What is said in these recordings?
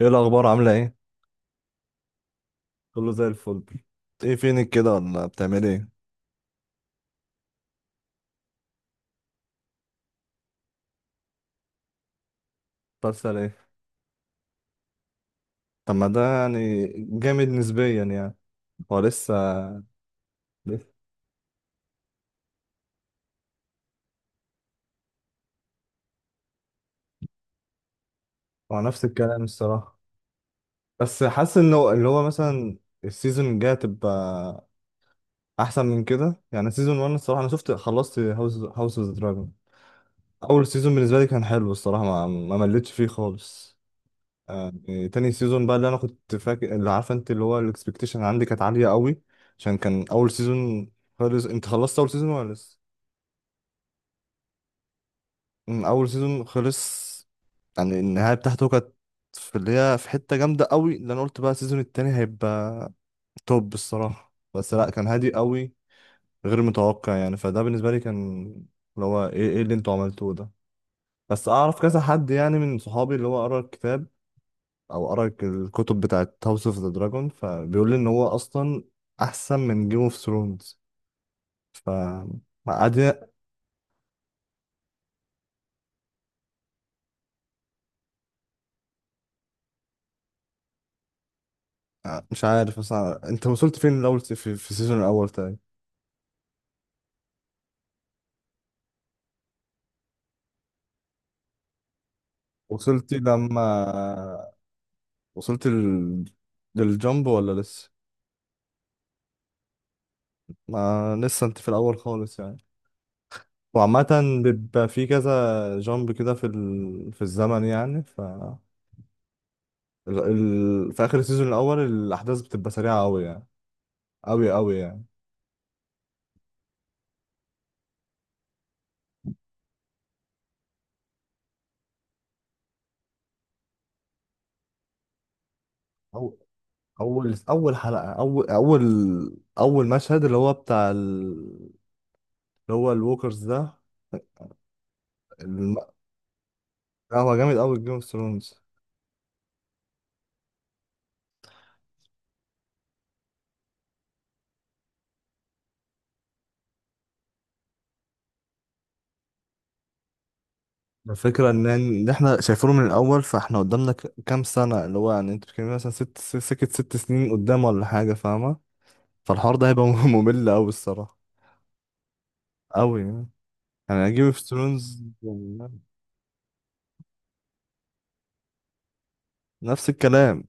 ايه الاخبار، عامله ايه؟ كله زي الفل. ايه فينك كده ولا بتعمل ايه؟ بتحصل ايه؟ طب ما ده يعني جامد نسبيا يعني. هو لسه. لسه هو نفس الكلام الصراحه. بس حاسس انه اللي هو مثلا السيزون الجاي هتبقى احسن من كده، يعني سيزون 1 الصراحه انا شفت خلصت هاوس اوف دراجون. اول سيزون بالنسبه لي كان حلو الصراحه، ما مليتش فيه خالص. آه، تاني سيزون بقى اللي انا كنت فاكر، اللي عارفه انت، اللي هو الاكسبكتيشن عندي كانت عاليه قوي عشان كان اول سيزون. خلص انت خلصت اول سيزون ولا لسه؟ اول سيزون خلص، يعني النهايه بتاعته كانت في اللي هي في حته جامده قوي، اللي انا قلت بقى السيزون التاني هيبقى توب الصراحه. بس لا، كان هادي قوي، غير متوقع يعني، فده بالنسبه لي كان اللي هو ايه اللي انتوا عملتوه ده. بس اعرف كذا حد يعني من صحابي اللي هو قرا الكتاب او قرا الكتب بتاعت هاوس اوف ذا دراجون، فبيقول لي ان هو اصلا احسن من جيم اوف ثرونز. ف قاعدين. مش عارف اصلا انت وصلت فين الاول، في السيزون الاول تاني؟ وصلت لما وصلت ال... للجامب ولا لسه؟ ما لسه انت في الاول خالص يعني. وعامة بيبقى في كذا جامب كده في الزمن يعني. في اخر السيزون الاول الاحداث بتبقى سريعة قوي يعني، قوي قوي يعني. اول حلقه، اول اول مشهد اللي هو بتاع اللي هو الووكرز ده، الم... لا، هو جامد قوي جيم اوف ثرونز. الفكره ان احنا شايفينه من الاول، فاحنا قدامنا كام سنه، اللي هو يعني انت بتتكلمي مثلا سكه 6 سنين قدام ولا حاجه فاهمه. فالحوار ده هيبقى ممل قوي الصراحه، قوي يعني جيم اوف ثرونز. نفس الكلام،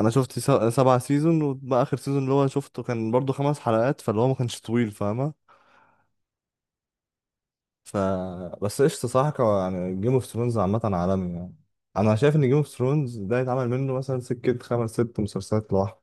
انا شفت 7 سيزون، وبقى اخر سيزون اللي هو شفته كان برضو 5 حلقات، فاللي هو ما كانش طويل فاهمه. ف بس قشطة. صح يعني جيم اوف ثرونز عامة عالمي يعني. أنا شايف إن جيم اوف ثرونز ده يتعمل منه مثلا سكة خمس ست مسلسلات لوحده.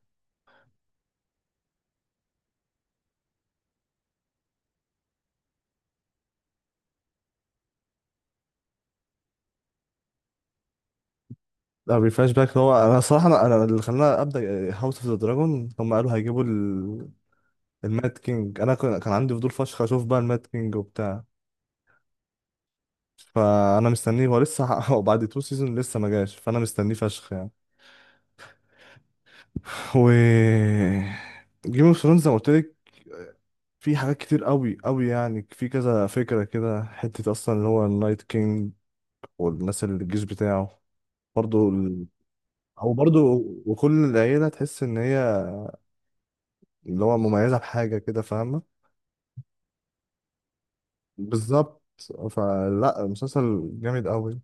لا، ريفلاش باك. هو أنا صراحة أنا اللي خلاني أبدأ هاوس أوف ذا دراجون، هم قالوا هيجيبوا المات كينج. أنا كان عندي فضول فشخ أشوف بقى المات كينج وبتاع. فأنا مستنيه، هو لسه وبعد تو سيزون لسه ما جاش، فأنا مستنيه فشخ يعني. و جيم اوف ثرونز زي ما قلت لك، في حاجات كتير قوي قوي يعني، في كذا فكرة كده، حتة أصلا اللي هو النايت كينج والناس اللي الجيش بتاعه، برضو ال... أو برضو، وكل العيلة تحس إن هي اللي هو مميزة بحاجة كده فاهمة. بالظبط، فلا مسلسل جامد قوي.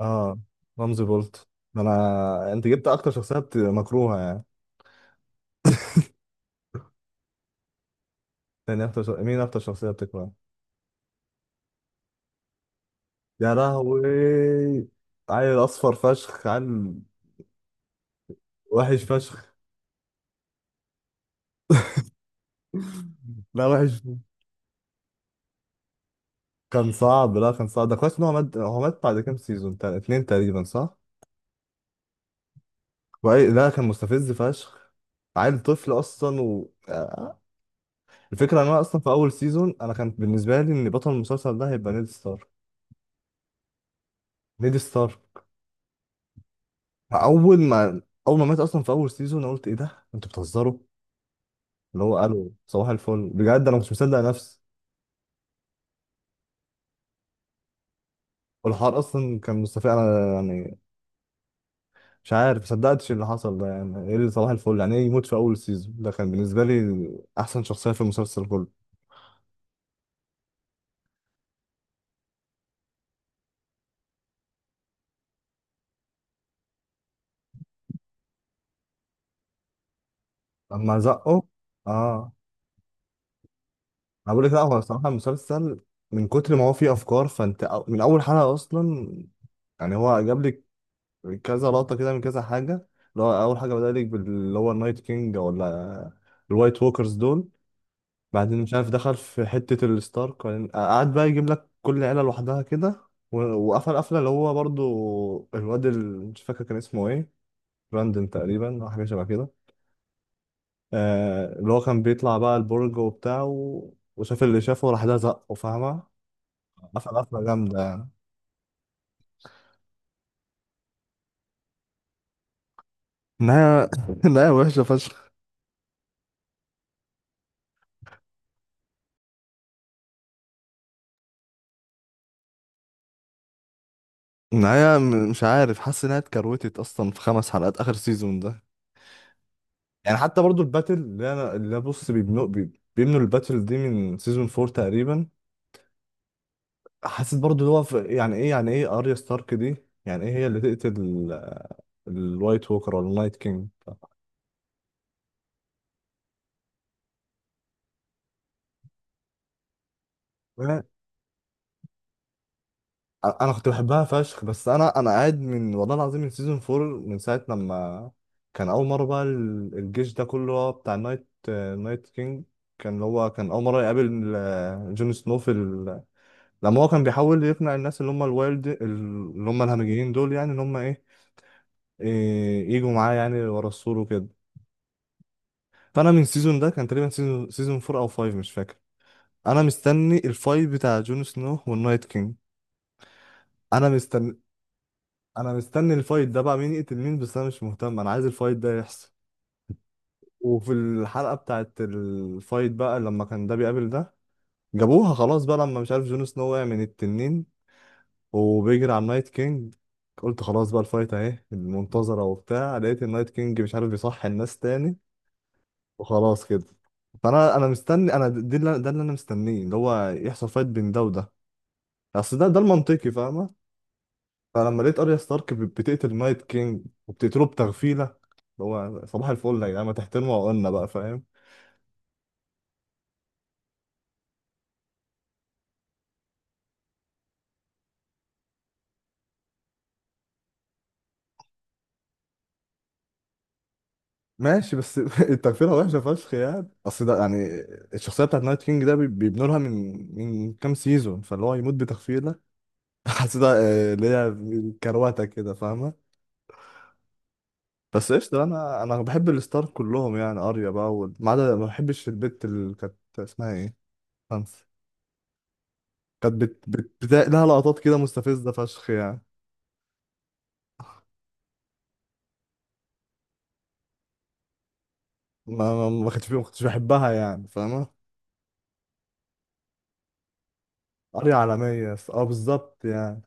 اه، رمزي بولت. ده انا، انت جبت اكتر شخصيه مكروهه يعني. مين اكتر شخصيه بتكرهها؟ يا لهوي، عيل اصفر فشخ، عيل وحش فشخ. لا، وحش. كان صعب، لا، كان صعب، ده كويس ان هو مات. هو مات بعد كام سيزون اتنين تقريبا، صح؟ لا، كان مستفز فشخ، عيل طفل اصلا و... آه. الفكره ان انا اصلا في اول سيزون انا كان بالنسبه لي ان بطل المسلسل ده هيبقى نيد ستار. نيد ستار اول ما اول ما مات اصلا في اول سيزون، انا قلت ايه ده انتوا بتهزروا، اللي هو قالوا صباح الفل، بجد انا مش مصدق نفسي. والحوار اصلا كان مستفز انا يعني، مش عارف مصدقتش اللي حصل ده، يعني ايه اللي صباح الفل، يعني ايه يموت في اول سيزون، ده كان بالنسبه لي احسن شخصيه في المسلسل كله. لما زقه. اه، انا بقول لك، لا، هو الصراحه المسلسل من كتر ما هو فيه افكار، فانت من اول حلقه اصلا يعني هو جاب لك كذا لقطه كده من كذا حاجه، اللي هو اول حاجه بدأ لك باللي هو النايت كينج ولا الوايت ووكرز دول، بعدين مش عارف دخل في حته الستارك، وبعدين قعد بقى يجيب لك كل عيله لوحدها كده. وقفل قفله اللي هو برضو الواد مش فاكر كان اسمه ايه، براندن تقريبا او حاجه شبه كده. اللي هو كان بيطلع بقى البرج وبتاع وشاف اللي شافه، وراح ده زقه فاهمة. قفل قفلة جامدة يعني. النهاية النهاية وحشة فشخ. النهاية مش عارف، حاسس إنها اتكروتت أصلا في 5 حلقات آخر سيزون ده. يعني حتى برضو الباتل اللي أنا بص بيبنوا بيبنوا الباتل دي من سيزون فور تقريبا. حسيت برضو اللي هو يعني إيه يعني إيه أريا ستارك دي؟ يعني إيه هي اللي تقتل الوايت ووكر ولا النايت كينج؟ انا كنت بحبها فشخ، بس انا قاعد من والله العظيم من سيزون 4، من ساعه لما كان اول مره بقى الجيش ده كله هو بتاع نايت كينج، كان اللي هو كان اول مره يقابل جون سنو في لما هو كان بيحاول يقنع الناس اللي هم الوايلد، اللي هم الهمجيين دول يعني، اللي هم ايه، يجوا معاه يعني ورا السور وكده. فانا من السيزون ده كان تقريبا سيزون 4 او 5 مش فاكر. انا مستني الفايت بتاع جون سنو والنايت كينج. انا مستني انا مستني الفايت ده بقى مين يقتل مين، بس انا مش مهتم، انا عايز الفايت ده يحصل. وفي الحلقة بتاعت الفايت بقى لما كان ده بيقابل ده، جابوها خلاص بقى، لما مش عارف جون سنو وقع من التنين وبيجري على النايت كينج، قلت خلاص بقى الفايت اهي المنتظرة وبتاع، لقيت النايت كينج مش عارف بيصحي الناس تاني، وخلاص كده. فانا مستني، انا دي اللي ده اللي انا مستنيه اللي هو يحصل فايت بين ده وده، اصل ده المنطقي فاهمة. فلما لقيت اريا ستارك بتقتل نايت كينج، وبتقتله بتغفيله، اللي هو صباح الفل يا جدعان، ما تحترموا عقولنا بقى فاهم. ماشي، بس التغفيله وحشه فشخ يعني، اصل ده يعني الشخصيه بتاعت نايت كينج ده بيبنوا لها من كام سيزون، فاللي هو يموت بتغفيله، حسيتها اللي هي كروته كده فاهمه. بس قشطه، انا بحب الستار كلهم، يعني اريا بقى ما عدا، ما بحبش البت اللي كانت اسمها ايه. خمسة. كانت لها لقطات كده مستفزه فشخ يعني، ما كنتش بحبها يعني فاهمة. قرية عالمية، اه بالظبط يعني.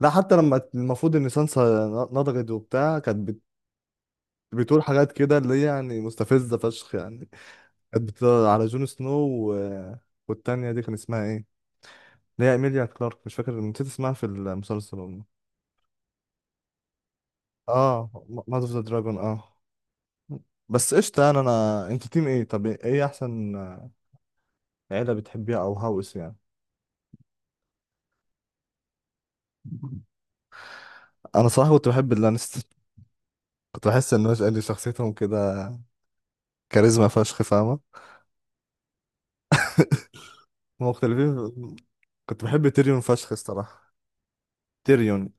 لا، حتى لما المفروض ان سانسا نضجت وبتاع كانت بتقول حاجات كده اللي هي يعني مستفزة فشخ يعني، كانت على جون سنو و... والتانية دي كان اسمها ايه؟ اللي هي ايميليا كلارك، مش فاكر، نسيت اسمها في المسلسل والله. اه، ماذر اوف ذا دراجون اه. بس قشطة يعني انا، انت تيم ايه؟ طب ايه احسن عيلة بتحبيها او هاوس يعني؟ انا صراحة كنت بحب اللانستر، كنت بحس ان هو قال شخصيتهم كده كاريزما فشخ فاهمة. هما مختلفين كنت بحب تيريون فشخ الصراحة. تيريون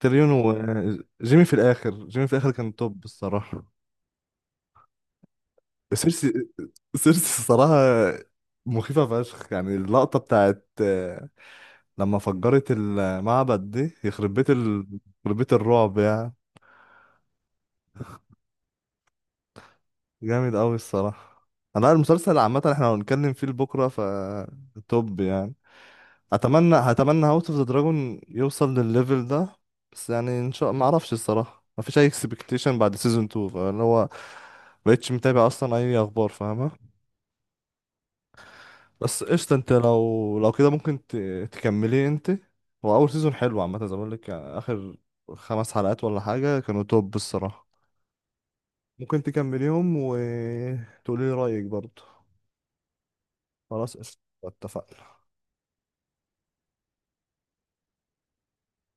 تيريون. وجيمي في الآخر، كان توب الصراحة. سيرسي سيرسي الصراحة. مخيفة فشخ يعني، اللقطة بتاعت لما فجرت المعبد دي، يخرب بيت يخرب بيت الرعب يعني. جامد أوي الصراحة. أنا المسلسل عامة احنا هنتكلم فيه بكرة. توب يعني. هتمنى هاوس اوف ذا دراجون يوصل للليفل ده. بس يعني ان شاء، ما اعرفش الصراحه، ما فيش اي اكسبكتيشن بعد سيزون 2 فاللي هو بقتش متابع اصلا اي اخبار فاهمه. بس قشطه، انت لو كده ممكن تكملي انت. هو اول سيزون حلو عامه زي ما بقول لك يعني، اخر 5 حلقات ولا حاجه كانوا توب الصراحه. ممكن تكمليهم وتقولي لي رايك برضه. خلاص قشطه، اتفقنا.